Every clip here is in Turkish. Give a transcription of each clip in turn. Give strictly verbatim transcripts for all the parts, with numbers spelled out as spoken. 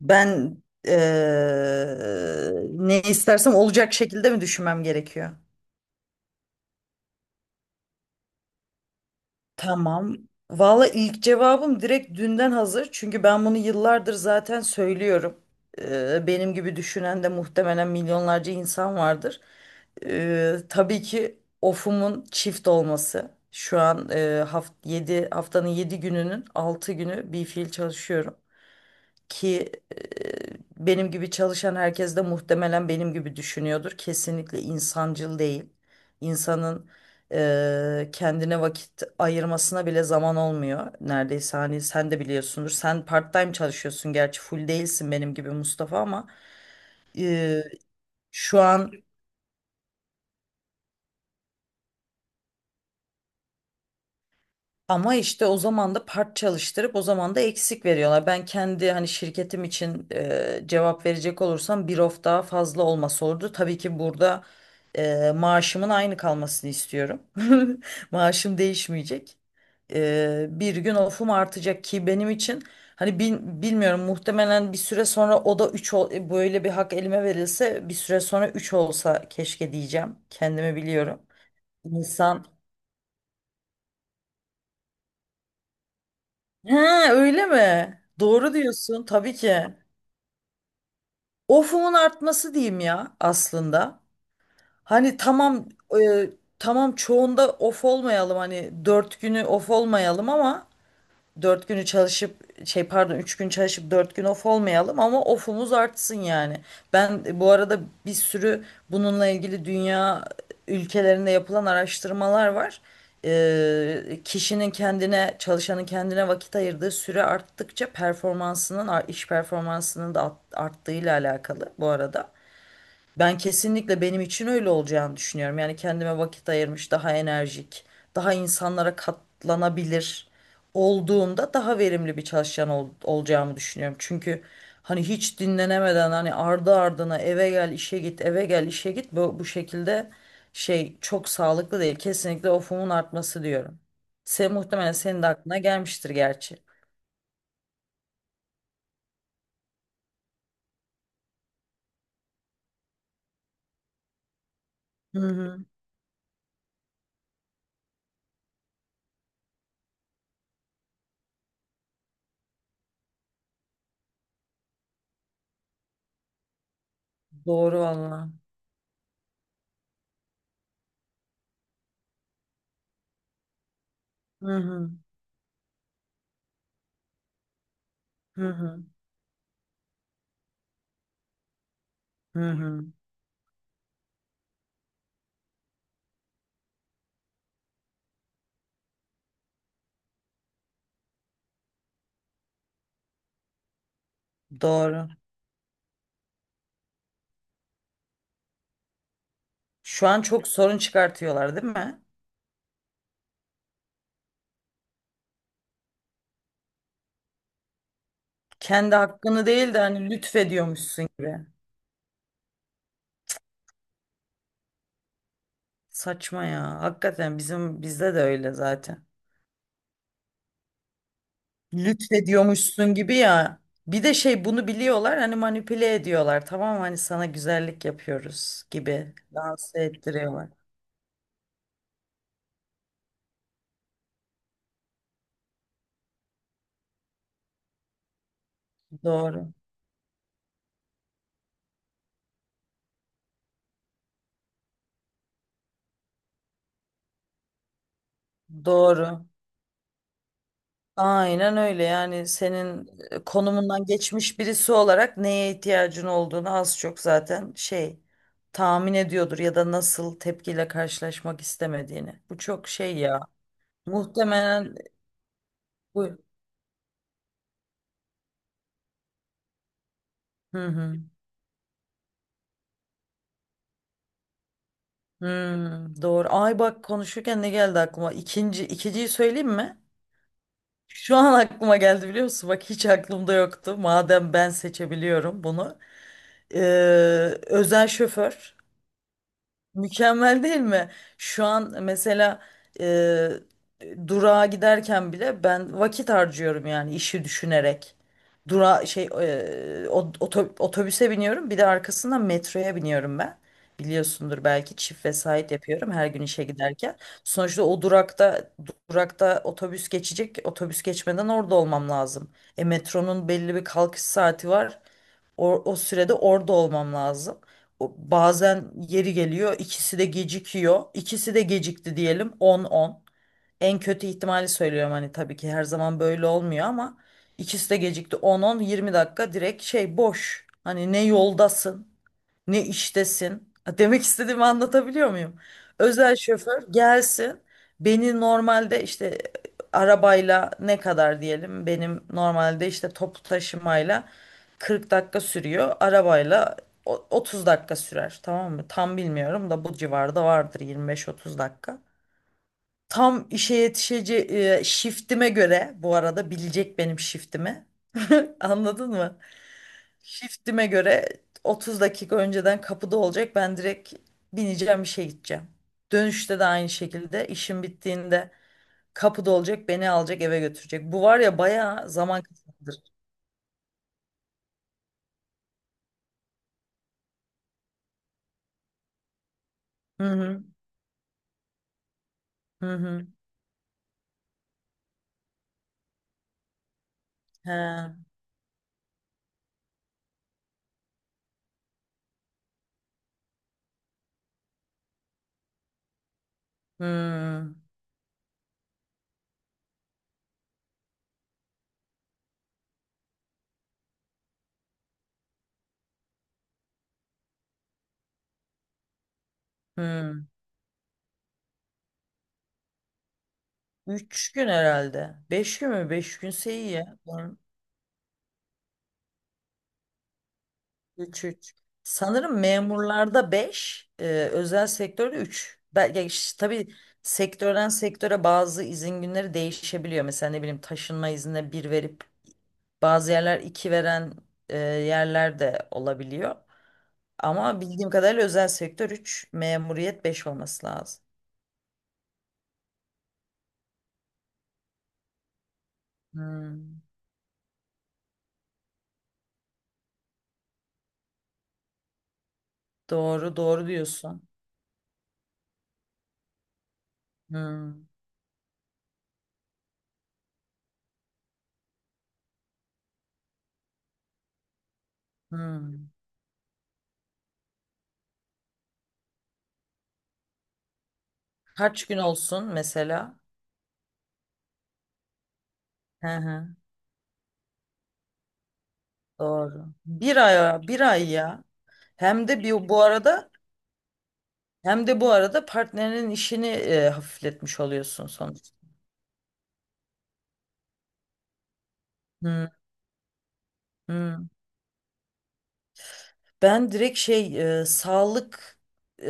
Ben eee, ne istersem olacak şekilde mi düşünmem gerekiyor? Tamam. Valla ilk cevabım direkt dünden hazır. Çünkü ben bunu yıllardır zaten söylüyorum. Eee, benim gibi düşünen de muhtemelen milyonlarca insan vardır. Eee, tabii ki ofumun çift olması. Şu an eee haft yedi, haftanın yedi gününün altı günü bir fiil çalışıyorum. Ki e, benim gibi çalışan herkes de muhtemelen benim gibi düşünüyordur. Kesinlikle insancıl değil. İnsanın e, kendine vakit ayırmasına bile zaman olmuyor. Neredeyse hani sen de biliyorsundur. Sen part-time çalışıyorsun gerçi full değilsin benim gibi Mustafa ama e, şu an Ama işte o zaman da part çalıştırıp o zaman da eksik veriyorlar. Ben kendi hani şirketim için e, cevap verecek olursam bir of daha fazla olması olurdu. Tabii ki burada e, maaşımın aynı kalmasını istiyorum. Maaşım değişmeyecek. E, bir gün ofum artacak ki benim için hani bin- bilmiyorum muhtemelen bir süre sonra o da üç böyle bir hak elime verilse bir süre sonra üç olsa keşke diyeceğim. Kendimi biliyorum. İnsan He, öyle mi? Doğru diyorsun tabii ki. Of'umun artması diyeyim ya aslında. Hani tamam e, tamam çoğunda of olmayalım hani dört günü of olmayalım ama Dört günü çalışıp şey pardon üç gün çalışıp dört gün off olmayalım ama off'umuz artsın yani. Ben bu arada bir sürü bununla ilgili dünya ülkelerinde yapılan araştırmalar var. Ee, kişinin kendine Çalışanın kendine vakit ayırdığı süre arttıkça performansının iş performansının da art- arttığıyla alakalı bu arada. Ben kesinlikle benim için öyle olacağını düşünüyorum. Yani kendime vakit ayırmış, daha enerjik, daha insanlara katlanabilir olduğumda daha verimli bir çalışan ol- olacağımı düşünüyorum. Çünkü hani hiç dinlenemeden hani ardı ardına eve gel, işe git, eve gel, işe git bu, bu şekilde şey çok sağlıklı değil. Kesinlikle ofumun artması diyorum. Sen muhtemelen senin de aklına gelmiştir gerçi. Hı hı. Doğru valla. Hı hı. Hı hı. Hı hı. Doğru. Şu an çok sorun çıkartıyorlar değil mi? Kendi hakkını değil de hani lütfediyormuşsun gibi. Saçma ya. Hakikaten bizim bizde de öyle zaten. Lütfediyormuşsun gibi ya. Bir de şey bunu biliyorlar hani manipüle ediyorlar. Tamam mı? Hani sana güzellik yapıyoruz gibi dans ettiriyorlar. Doğru. Doğru. Aynen öyle yani senin e, konumundan geçmiş birisi olarak neye ihtiyacın olduğunu az çok zaten şey tahmin ediyordur ya da nasıl tepkiyle karşılaşmak istemediğini. Bu çok şey ya muhtemelen bu. Hı hı. Hmm, doğru. Ay bak konuşurken ne geldi aklıma? İkinci, ikinciyi söyleyeyim mi? Şu an aklıma geldi biliyor musun? Bak hiç aklımda yoktu. Madem ben seçebiliyorum bunu. Ee, Özel şoför. Mükemmel değil mi? Şu an mesela e, durağa giderken bile ben vakit harcıyorum yani işi düşünerek. Dura şey e, o- oto- Otobüse biniyorum bir de arkasından metroya biniyorum ben. Biliyorsundur belki çift vesait yapıyorum her gün işe giderken. Sonuçta o durakta durakta otobüs geçecek. Otobüs geçmeden orada olmam lazım. E metronun belli bir kalkış saati var. O, o sürede orada olmam lazım. O, bazen yeri geliyor ikisi de gecikiyor. İkisi de gecikti diyelim on on. En kötü ihtimali söylüyorum hani tabii ki her zaman böyle olmuyor ama ikisi de gecikti on on yirmi dakika direkt şey boş. Hani ne yoldasın ne iştesin? Ha, demek istediğimi anlatabiliyor muyum? Özel şoför gelsin beni normalde işte arabayla ne kadar diyelim benim normalde işte toplu taşımayla kırk dakika sürüyor arabayla o- otuz dakika sürer tamam mı? Tam bilmiyorum da bu civarda vardır yirmi beş otuz dakika. Tam işe yetişeceği şiftime göre bu arada bilecek benim şiftimi. Anladın mı? Shiftime göre otuz dakika önceden kapıda olacak. Ben direkt bineceğim işe gideceğim. Dönüşte de aynı şekilde işim bittiğinde kapıda olacak, beni alacak, eve götürecek. Bu var ya bayağı zaman kazandır. Hı hı. Hı hı. He. Hı. Hı. Üç gün herhalde. Beş gün mü? Beş günse iyi ya. üç üç. Sanırım memurlarda beş, özel sektörde üç. Belki işte tabii sektörden sektöre bazı izin günleri değişebiliyor. Mesela ne bileyim taşınma iznine bir verip bazı yerler iki veren e, yerler de olabiliyor. Ama bildiğim kadarıyla özel sektör üç, memuriyet beş olması lazım. Hmm, doğru, doğru diyorsun. Hmm, hmm. Kaç gün olsun mesela? Hı hı, doğru. Bir ay, bir ay ya. Hem de bir bu arada hem de bu arada partnerinin işini e, hafifletmiş oluyorsun sonuçta. Hı, hı. Ben direkt şey e, sağlık e,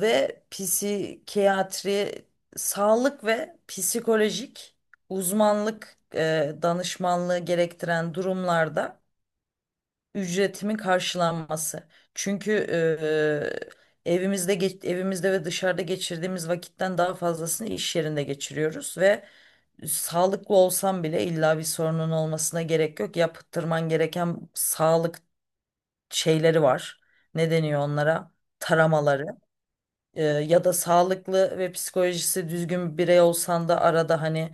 ve psikiyatri sağlık ve psikolojik uzmanlık e, danışmanlığı gerektiren durumlarda ücretimin karşılanması. Çünkü eee, evimizde ge- evimizde ve dışarıda geçirdiğimiz vakitten daha fazlasını iş yerinde geçiriyoruz ve sağlıklı olsam bile illa bir sorunun olmasına gerek yok. Yaptırman gereken sağlık şeyleri var. Ne deniyor onlara? Taramaları. E, ya da sağlıklı ve psikolojisi düzgün bir birey olsan da arada hani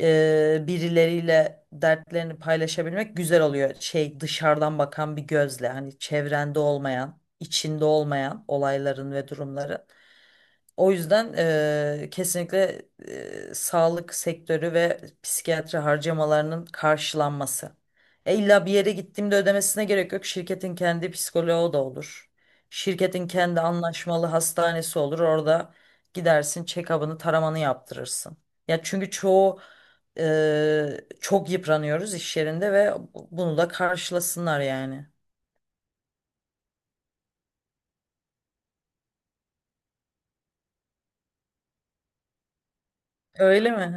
e, birileriyle dertlerini paylaşabilmek güzel oluyor. Şey dışarıdan bakan bir gözle hani çevrende olmayan, içinde olmayan olayların ve durumları. O yüzden eee, kesinlikle eee, sağlık sektörü ve psikiyatri harcamalarının karşılanması. E, illa bir yere gittiğimde ödemesine gerek yok. Şirketin kendi psikoloğu da olur. Şirketin kendi anlaşmalı hastanesi olur. Orada gidersin, check-up'ını, taramanı yaptırırsın. Ya çünkü çoğu eee, çok yıpranıyoruz iş yerinde ve bunu da karşılasınlar yani. Öyle mi?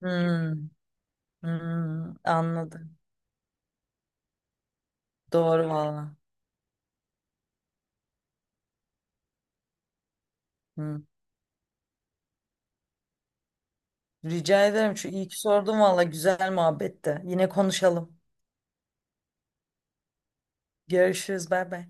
He. Hmm, hmm, anladım. Doğru valla. Rica ederim. Şu iyi ki sordum valla güzel muhabbette. Yine konuşalım. Görüşürüz. Bay bay.